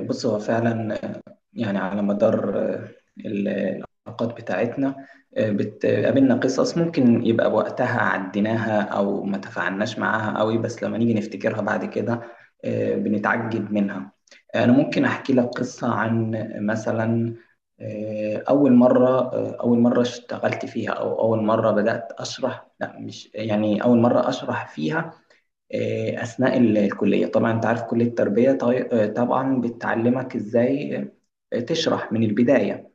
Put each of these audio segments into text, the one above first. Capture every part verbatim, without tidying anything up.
بص هو فعلا، يعني على مدار ال- العلاقات بتاعتنا، آه، بتقابلنا قصص ممكن يبقى وقتها عديناها او ما تفاعلناش معاها قوي، بس لما نيجي نفتكرها بعد كده آه، بنتعجب منها. انا ممكن احكي لك قصة عن، مثلا، آه، اول مرة آه، اول مرة اشتغلت فيها، او اول مرة بدأت اشرح، لا مش يعني اول مرة اشرح فيها. آه، أثناء ال- الكلية، طبعا أنت عارف كلية التربية، طي- آه، طبعا بتعلمك إزاي آه، تشرح من البداية.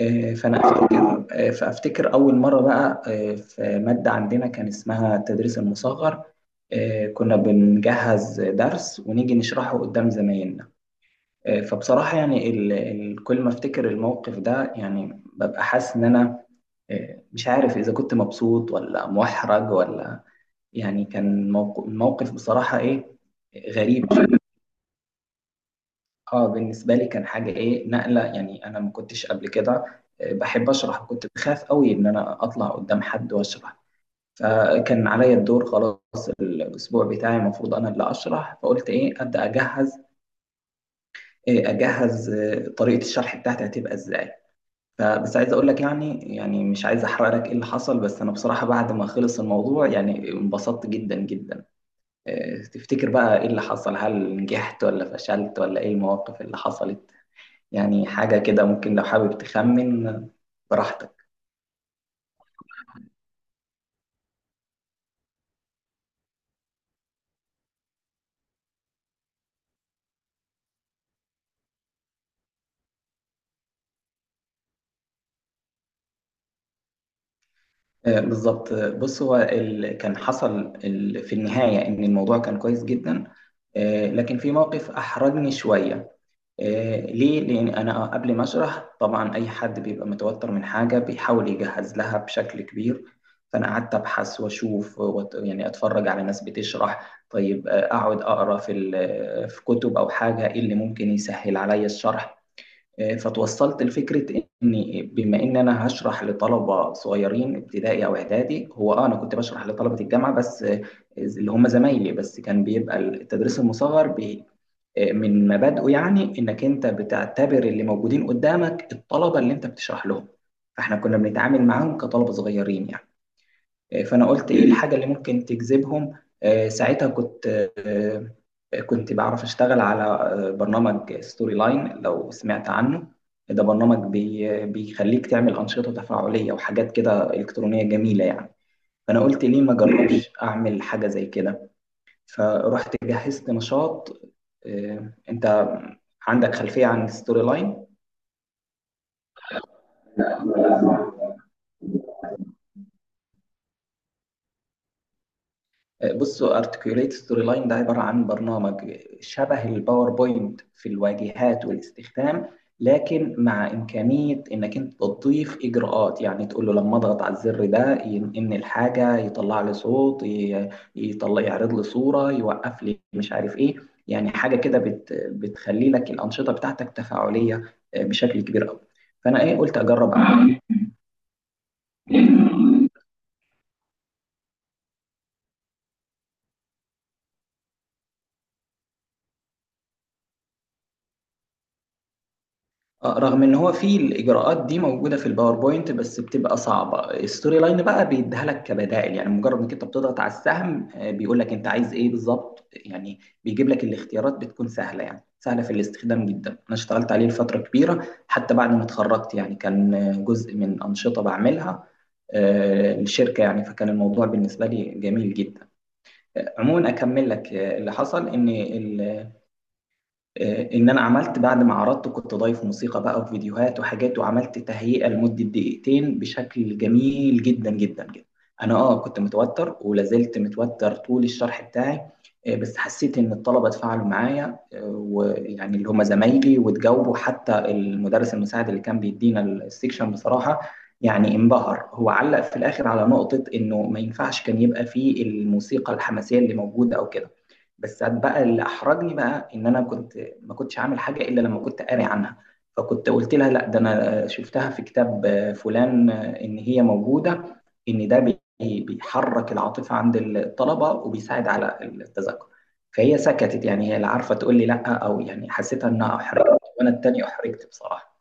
آه، فأنا أفتكر آه، فأفتكر أول مرة بقى، آه، في مادة عندنا كان اسمها التدريس المصغر. آه، كنا بنجهز درس ونيجي نشرحه قدام زمايلنا. آه، فبصراحة يعني ال- ال- كل ما أفتكر الموقف ده، يعني ببقى حاسس إن أنا مش عارف إذا كنت مبسوط ولا محرج ولا، يعني كان موقف الموقف بصراحة إيه، غريب. اه بالنسبة لي كان حاجة، إيه، نقلة. يعني أنا ما كنتش قبل كده آه، بحب أشرح، كنت بخاف قوي إن أنا أطلع قدام حد وأشرح. فكان عليا الدور، خلاص، الأسبوع بتاعي المفروض أنا اللي أشرح. فقلت إيه أبدأ أجهز إيه أجهز، آه، طريقة الشرح بتاعتي هتبقى إزاي. فبس عايز اقول لك، يعني يعني مش عايز احرق لك ايه اللي حصل، بس انا بصراحة بعد ما خلص الموضوع يعني انبسطت جدا جدا. آه، تفتكر بقى ايه اللي حصل؟ هل نجحت ولا فشلت، ولا ايه المواقف اللي حصلت؟ يعني حاجة كده. ممكن لو حابب تخمن آه، براحتك. آه، بالظبط. آه، بص، هو ال... كان حصل ال... في النهاية إن الموضوع كان كويس جدا، آه، لكن في موقف أحرجني شوية. آه، ليه؟ لأن أنا قبل ما أشرح، طبعا أي حد بيبقى متوتر من حاجة بيحاول يجهز لها بشكل كبير. فأنا قعدت أبحث وأشوف، وت... يعني أتفرج على ناس بتشرح، طيب، آه، أقعد أقرأ في ال... في كتب، أو حاجة، إيه اللي ممكن يسهل عليا الشرح. آه، فتوصلت لفكرة إن، بما إن أنا هشرح لطلبة صغيرين ابتدائي أو إعدادي، هو أه أنا كنت بشرح لطلبة الجامعة بس، آه، اللي هم زمايلي، بس كان بيبقى التدريس المصغر بي آه، من مبادئه يعني إنك أنت بتعتبر اللي موجودين قدامك الطلبة اللي أنت بتشرح لهم. فإحنا كنا بنتعامل معاهم كطلبة صغيرين يعني. فانا قلت، ايه الحاجه اللي ممكن تجذبهم؟ آه، ساعتها كنت، آه، آه، كنت بعرف اشتغل على آه، برنامج ستوري لاين، لو سمعت عنه. ده برنامج بي بيخليك تعمل انشطه تفاعليه وحاجات كده الكترونيه جميله يعني. فانا قلت ليه ما اجربش اعمل حاجه زي كده؟ فرحت جهزت نشاط. آه، انت عندك خلفيه عن ستوري لاين؟ آه، بصوا، ارتكيوليت ستوري لاين ده عباره عن برنامج شبه الباوربوينت في الواجهات والاستخدام، لكن مع امكانيه انك انت تضيف اجراءات، يعني تقول له لما اضغط على الزر ده ينقل الحاجه، يطلع لي صوت، ي- يطلع، يعرض لي صوره، يوقف لي، مش عارف ايه. يعني حاجه كده بت بتخلي لك الانشطه بتاعتك تفاعليه آه، بشكل كبير قوي. فانا، ايه، قلت اجرب. آه، رغم ان هو في الاجراءات دي موجوده في الباوربوينت بس بتبقى صعبه، الستوري لاين بقى بيديها لك كبدائل، يعني مجرد انك انت بتضغط على السهم آه، بيقول لك انت عايز ايه بالظبط، يعني بيجيب لك الاختيارات بتكون سهله، يعني سهله في الاستخدام جدا. انا اشتغلت عليه لفتره كبيره، حتى بعد ما اتخرجت يعني، كان آه، جزء من انشطه بعملها آه، الشركه يعني. فكان الموضوع بالنسبه لي جميل جدا. آه، عموما اكمل لك آه، اللي حصل، ان ال- آه، ان انا عملت بعد ما عرضته، كنت ضايف موسيقى بقى وفيديوهات وحاجات، وعملت تهيئة لمدة دقيقتين بشكل جميل جدا جدا جدا. انا اه كنت متوتر، ولا زلت متوتر طول الشرح بتاعي، آه، بس حسيت ان الطلبة اتفاعلوا معايا، آه، ويعني اللي هم زمايلي، واتجاوبوا. حتى المدرس المساعد اللي كان بيدينا السكشن بصراحة يعني انبهر. هو علق في الاخر على نقطة انه ما ينفعش كان يبقى فيه الموسيقى الحماسية اللي موجودة او كده. بس بقى اللي احرجني بقى ان انا كنت، ما كنتش عامل حاجة إلا لما كنت قاري عنها. فكنت قلت لها لا، ده أنا شفتها في كتاب فلان، إن هي موجودة، إن ده بي- بيحرك العاطفة عند الطلبة وبيساعد على التذاكر. فهي سكتت، يعني هي لا عارفة تقول لي لا أو، يعني حسيتها إنها أحرجت، وأنا التاني أحرجت بصراحة.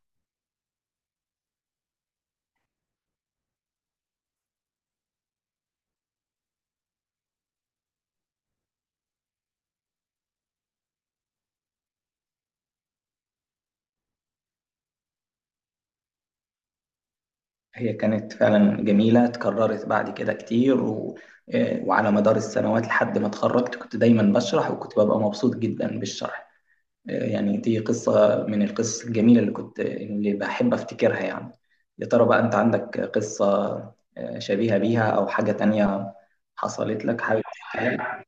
هي كانت فعلا جميلة، اتكررت بعد كده كتير. و... آه، وعلى مدار السنوات لحد ما اتخرجت كنت دايما بشرح، وكنت ببقى مبسوط جدا بالشرح. يعني دي قصة من القصص الجميلة اللي كنت اللي بحب أفتكرها يعني. يا ترى بقى أنت عندك قصة آه، شبيهة بيها أو حاجة تانية حصلت لك، حابب تحكيها؟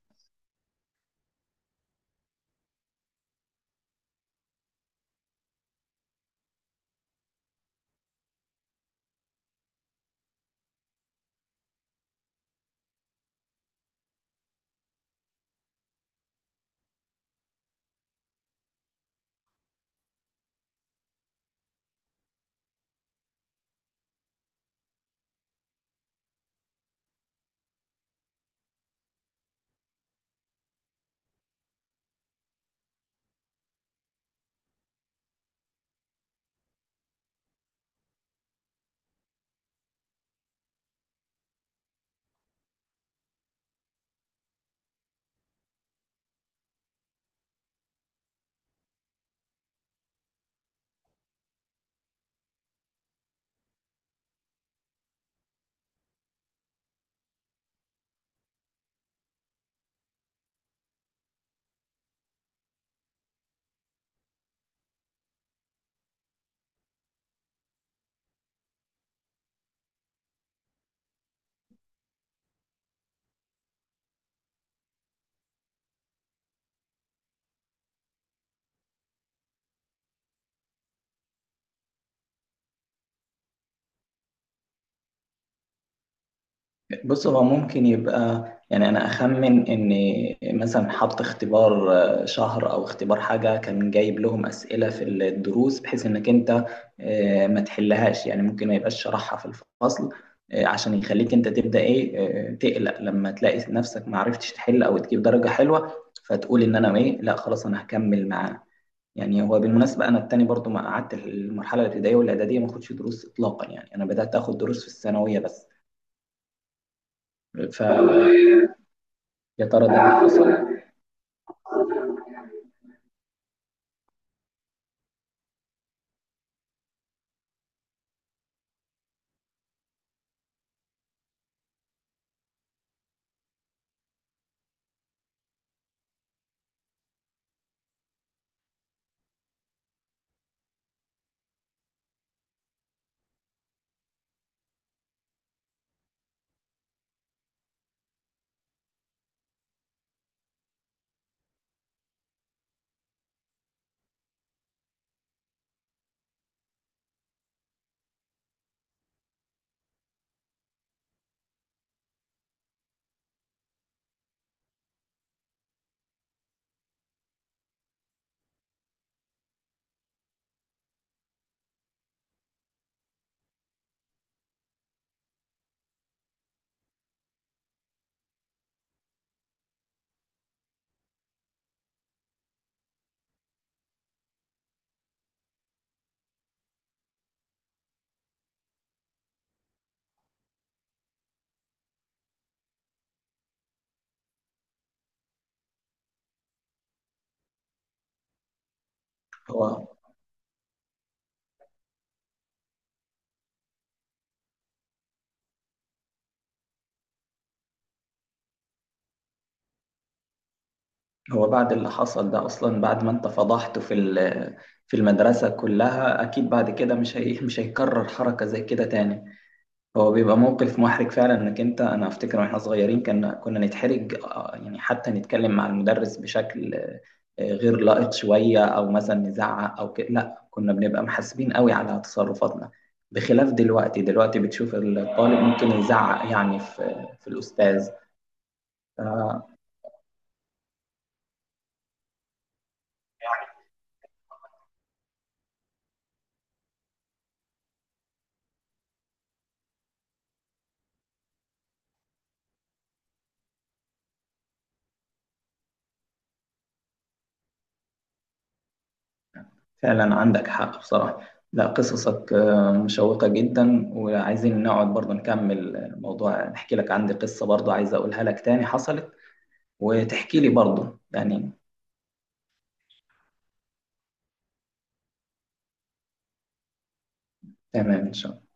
بص، هو ممكن يبقى، يعني انا اخمن ان مثلا حط اختبار آه، شهر، او اختبار حاجه، كان جايب لهم اسئله في الدروس بحيث انك انت آه، ما تحلهاش، يعني ممكن ما يبقاش شرحها في الفصل آه، عشان يخليك انت تبدا، ايه، آه، تقلق لما تلاقي نفسك ما عرفتش تحل او تجيب درجه حلوه، فتقول ان انا، ايه، لا خلاص انا هكمل معاه. يعني هو بالمناسبه انا التاني برضو ما قعدت المرحله الابتدائيه والاعداديه ما اخدش دروس اطلاقا، يعني انا بدات اخد دروس في الثانويه بس. ف يا ترى ده اللي حصل؟ هو هو بعد اللي حصل ده اصلا، بعد ما انت فضحته في ال- في المدرسة كلها، اكيد بعد كده، مش هي مش هيكرر حركة زي كده تاني. هو بيبقى موقف محرج فعلا، انك انت، انا افتكر واحنا صغيرين كنا كنا نتحرج آه، يعني حتى نتكلم مع المدرس بشكل آه، غير لائق شوية، او مثلا نزعق او كده، لا كنا بنبقى محاسبين قوي على تصرفاتنا. بخلاف دلوقتي. دلوقتي بتشوف الطالب ممكن يزعق يعني في في الاستاذ. فعلا عندك حق بصراحة. لا، قصصك آه، مشوقة جدا، وعايزين نقعد برضه نكمل الموضوع، نحكي لك، عندي قصة برضه عايز أقولها لك تاني حصلت، وتحكي لي برضه يعني. تمام إن شاء الله.